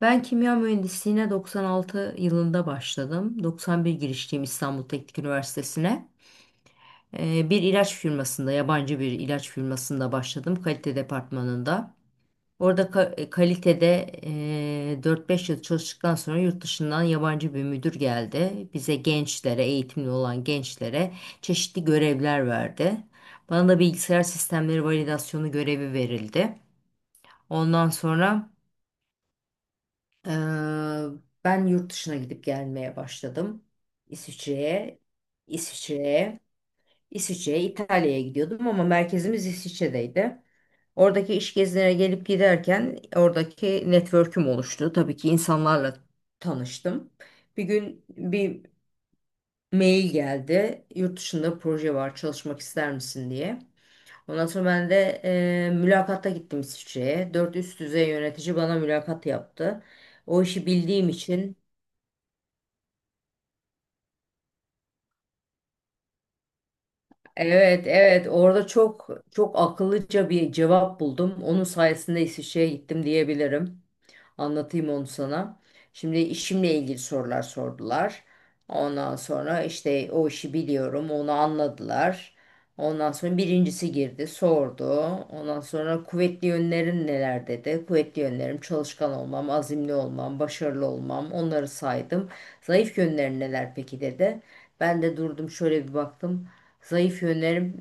Ben kimya mühendisliğine 96 yılında başladım. 91 girişliyim İstanbul Teknik Üniversitesi'ne. Bir ilaç firmasında, yabancı bir ilaç firmasında başladım kalite departmanında. Orada kalitede 4-5 yıl çalıştıktan sonra yurt dışından yabancı bir müdür geldi. Bize gençlere, eğitimli olan gençlere çeşitli görevler verdi. Bana da bilgisayar sistemleri validasyonu görevi verildi. Ondan sonra Eee, ben yurt dışına gidip gelmeye başladım. İsviçre'ye, İsviçre'ye, İsviçre'ye, İtalya'ya gidiyordum ama merkezimiz İsviçre'deydi. Oradaki iş gezilerine gelip giderken oradaki network'üm oluştu. Tabii ki insanlarla tanıştım. Bir gün bir mail geldi. Yurt dışında proje var, çalışmak ister misin diye. Ondan sonra ben de mülakatta gittim İsviçre'ye. Dört üst düzey yönetici bana mülakat yaptı. O işi bildiğim için. Evet, evet. Orada çok çok akıllıca bir cevap buldum. Onun sayesinde İsviçre'ye gittim diyebilirim. Anlatayım onu sana. Şimdi işimle ilgili sorular sordular. Ondan sonra işte o işi biliyorum, onu anladılar. Ondan sonra birincisi girdi, sordu. Ondan sonra kuvvetli yönlerin neler dedi. Kuvvetli yönlerim çalışkan olmam, azimli olmam, başarılı olmam. Onları saydım. Zayıf yönlerin neler peki dedi. Ben de durdum şöyle bir baktım. Zayıf yönlerim,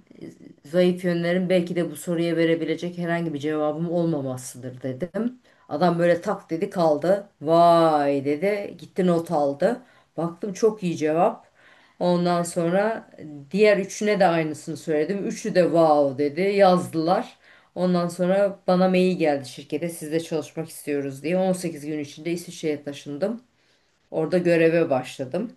zayıf yönlerim belki de bu soruya verebilecek herhangi bir cevabım olmamasıdır dedim. Adam böyle tak dedi kaldı. Vay dedi gitti not aldı. Baktım çok iyi cevap. Ondan sonra diğer üçüne de aynısını söyledim. Üçü de wow dedi yazdılar. Ondan sonra bana mail geldi şirkete sizle çalışmak istiyoruz diye. 18 gün içinde İsviçre'ye taşındım. Orada göreve başladım.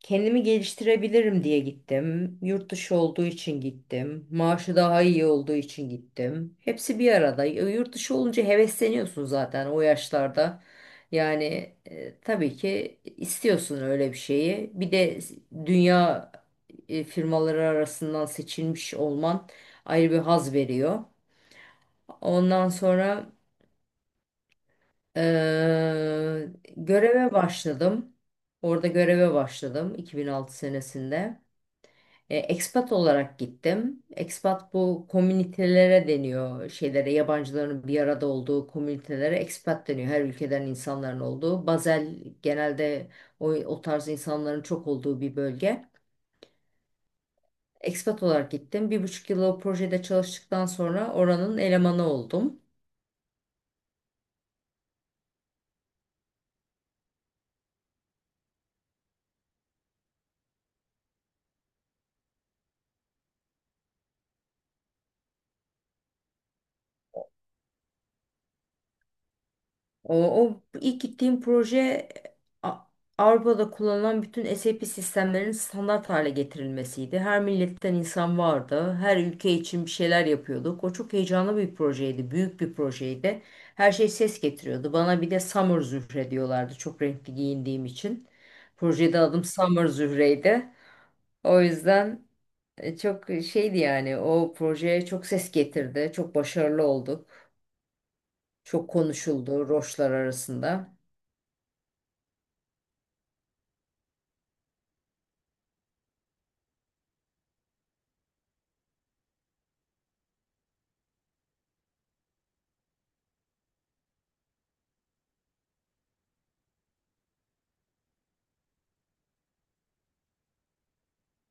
Kendimi geliştirebilirim diye gittim. Yurt dışı olduğu için gittim. Maaşı daha iyi olduğu için gittim. Hepsi bir arada. Yurt dışı olunca hevesleniyorsun zaten o yaşlarda. Yani tabii ki istiyorsun öyle bir şeyi. Bir de dünya firmaları arasından seçilmiş olman ayrı bir haz veriyor. Ondan sonra e, göreve başladım. Orada göreve başladım 2006 senesinde. Expat olarak gittim. Expat bu komünitelere deniyor şeylere, yabancıların bir arada olduğu komünitelere expat deniyor. Her ülkeden insanların olduğu. Basel genelde o tarz insanların çok olduğu bir bölge. Expat olarak gittim. Bir buçuk yıl o projede çalıştıktan sonra oranın elemanı oldum. O ilk gittiğim proje A- Avrupa'da kullanılan bütün SAP sistemlerinin standart hale getirilmesiydi. Her milletten insan vardı. Her ülke için bir şeyler yapıyorduk. O çok heyecanlı bir projeydi. Büyük bir projeydi. Her şey ses getiriyordu. Bana bir de Summer Zühre diyorlardı. Çok renkli giyindiğim için. Projede adım Summer Zühre'ydi. O yüzden çok şeydi yani o projeye çok ses getirdi. Çok başarılı olduk. Çok konuşuldu roşlar arasında.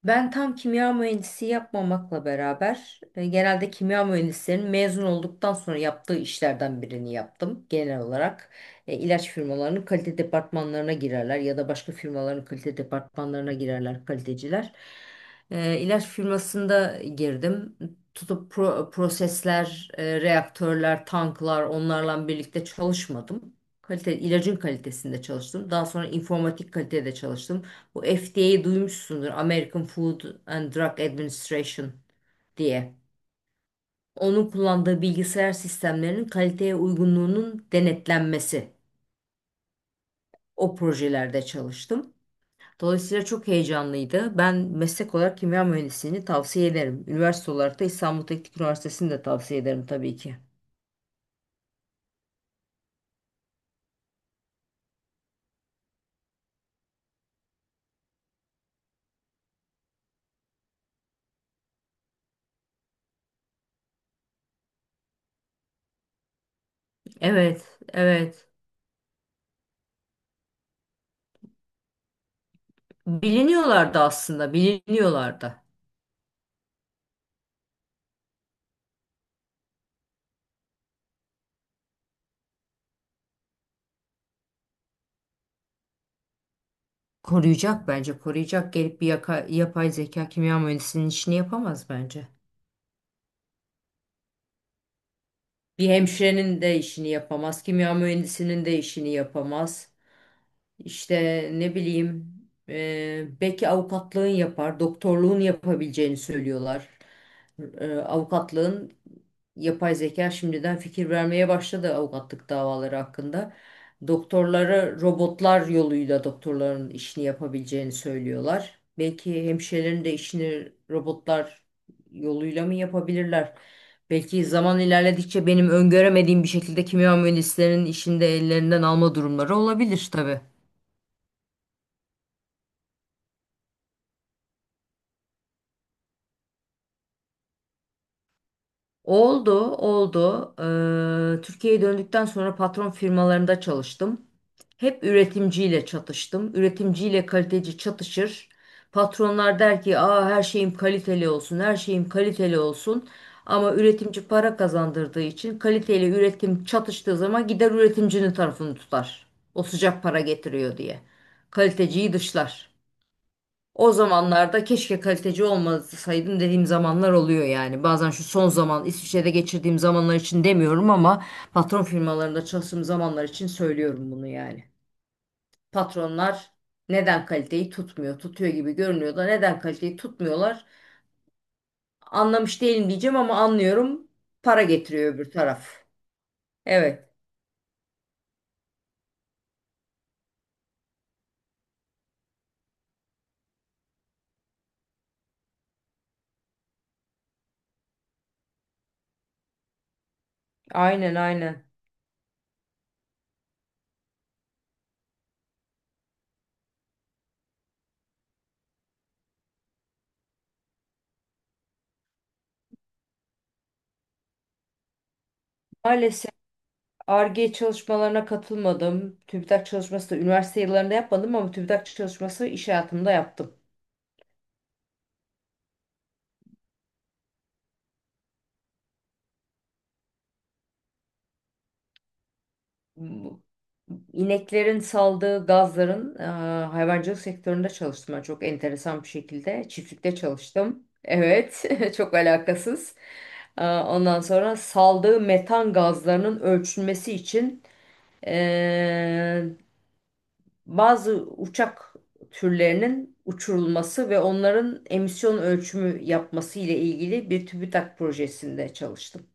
Ben tam kimya mühendisi yapmamakla beraber genelde kimya mühendislerinin mezun olduktan sonra yaptığı işlerden birini yaptım. Genel olarak ilaç firmalarının kalite departmanlarına girerler ya da başka firmaların kalite departmanlarına girerler kaliteciler. İlaç firmasında girdim. Tutup prosesler, reaktörler, tanklar onlarla birlikte çalışmadım. Kalite, ilacın kalitesinde çalıştım. Daha sonra informatik kalitede çalıştım. Bu FDA'yı duymuşsundur. American Food and Drug Administration diye. Onun kullandığı bilgisayar sistemlerinin kaliteye uygunluğunun denetlenmesi. O projelerde çalıştım. Dolayısıyla çok heyecanlıydı. Ben meslek olarak kimya mühendisliğini tavsiye ederim. Üniversite olarak da İstanbul Teknik Üniversitesi'ni de tavsiye ederim tabii ki. Evet, evet. Biliniyorlardı aslında, biliniyorlardı. Koruyacak bence, koruyacak. Gelip bir yapay zeka kimya mühendisinin işini yapamaz bence. Bir hemşirenin de işini yapamaz, kimya mühendisinin de işini yapamaz. İşte ne bileyim belki avukatlığın yapar, doktorluğun yapabileceğini söylüyorlar. Avukatlığın yapay zeka şimdiden fikir vermeye başladı avukatlık davaları hakkında. Doktorlara robotlar yoluyla doktorların işini yapabileceğini söylüyorlar. Belki hemşirelerin de işini robotlar yoluyla mı yapabilirler? Belki zaman ilerledikçe benim öngöremediğim bir şekilde kimya mühendislerinin işini de ellerinden alma durumları olabilir tabii. Oldu, oldu. Türkiye'ye döndükten sonra patron firmalarında çalıştım. Hep üretimciyle çatıştım. Üretimciyle kaliteci çatışır. Patronlar der ki, "Aa her şeyim kaliteli olsun, her şeyim kaliteli olsun." Ama üretimci para kazandırdığı için kaliteyle üretim çatıştığı zaman gider üretimcinin tarafını tutar. O sıcak para getiriyor diye. Kaliteciyi dışlar. O zamanlarda keşke kaliteci olmasaydım dediğim zamanlar oluyor yani. Bazen şu son zaman İsviçre'de geçirdiğim zamanlar için demiyorum ama patron firmalarında çalıştığım zamanlar için söylüyorum bunu yani. Patronlar neden kaliteyi tutmuyor? Tutuyor gibi görünüyor da neden kaliteyi tutmuyorlar? Anlamış değilim diyeceğim ama anlıyorum. Para getiriyor öbür taraf. Evet. Aynen aynen. Maalesef Ar-Ge çalışmalarına katılmadım. TÜBİTAK çalışması da üniversite yıllarında yapmadım ama TÜBİTAK çalışması iş hayatımda yaptım. İneklerin saldığı gazların hayvancılık sektöründe çalıştım ben çok enteresan bir şekilde. Çiftlikte çalıştım. Evet, çok alakasız. Ondan sonra saldığı metan gazlarının ölçülmesi için e, bazı uçak türlerinin uçurulması ve onların emisyon ölçümü yapması ile ilgili bir TÜBİTAK projesinde çalıştım.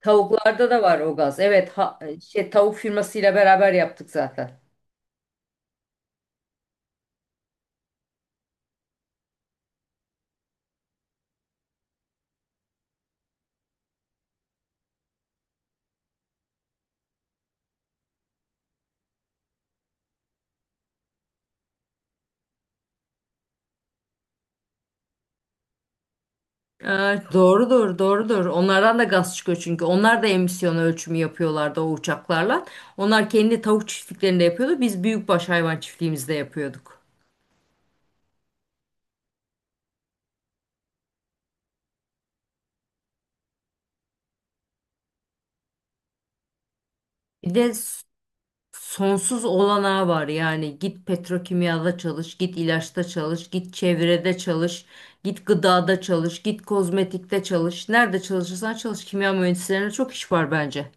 Tavuklarda da var o gaz. Evet, şey, tavuk firmasıyla beraber yaptık zaten. Evet, doğrudur, doğrudur. Onlardan da gaz çıkıyor çünkü. Onlar da emisyon ölçümü yapıyorlardı o uçaklarla. Onlar kendi tavuk çiftliklerinde yapıyordu. Biz büyükbaş hayvan çiftliğimizde yapıyorduk. Bir de sonsuz olanağı var. Yani git petrokimyada çalış, git ilaçta çalış, git çevrede çalış, git gıdada çalış, git kozmetikte çalış. Nerede çalışırsan çalış. Kimya mühendislerine çok iş var bence.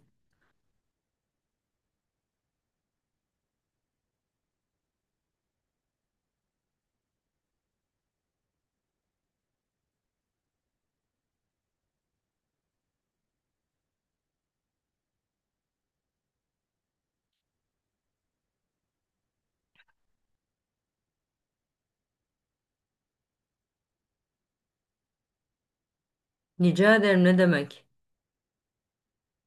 Rica ederim ne demek.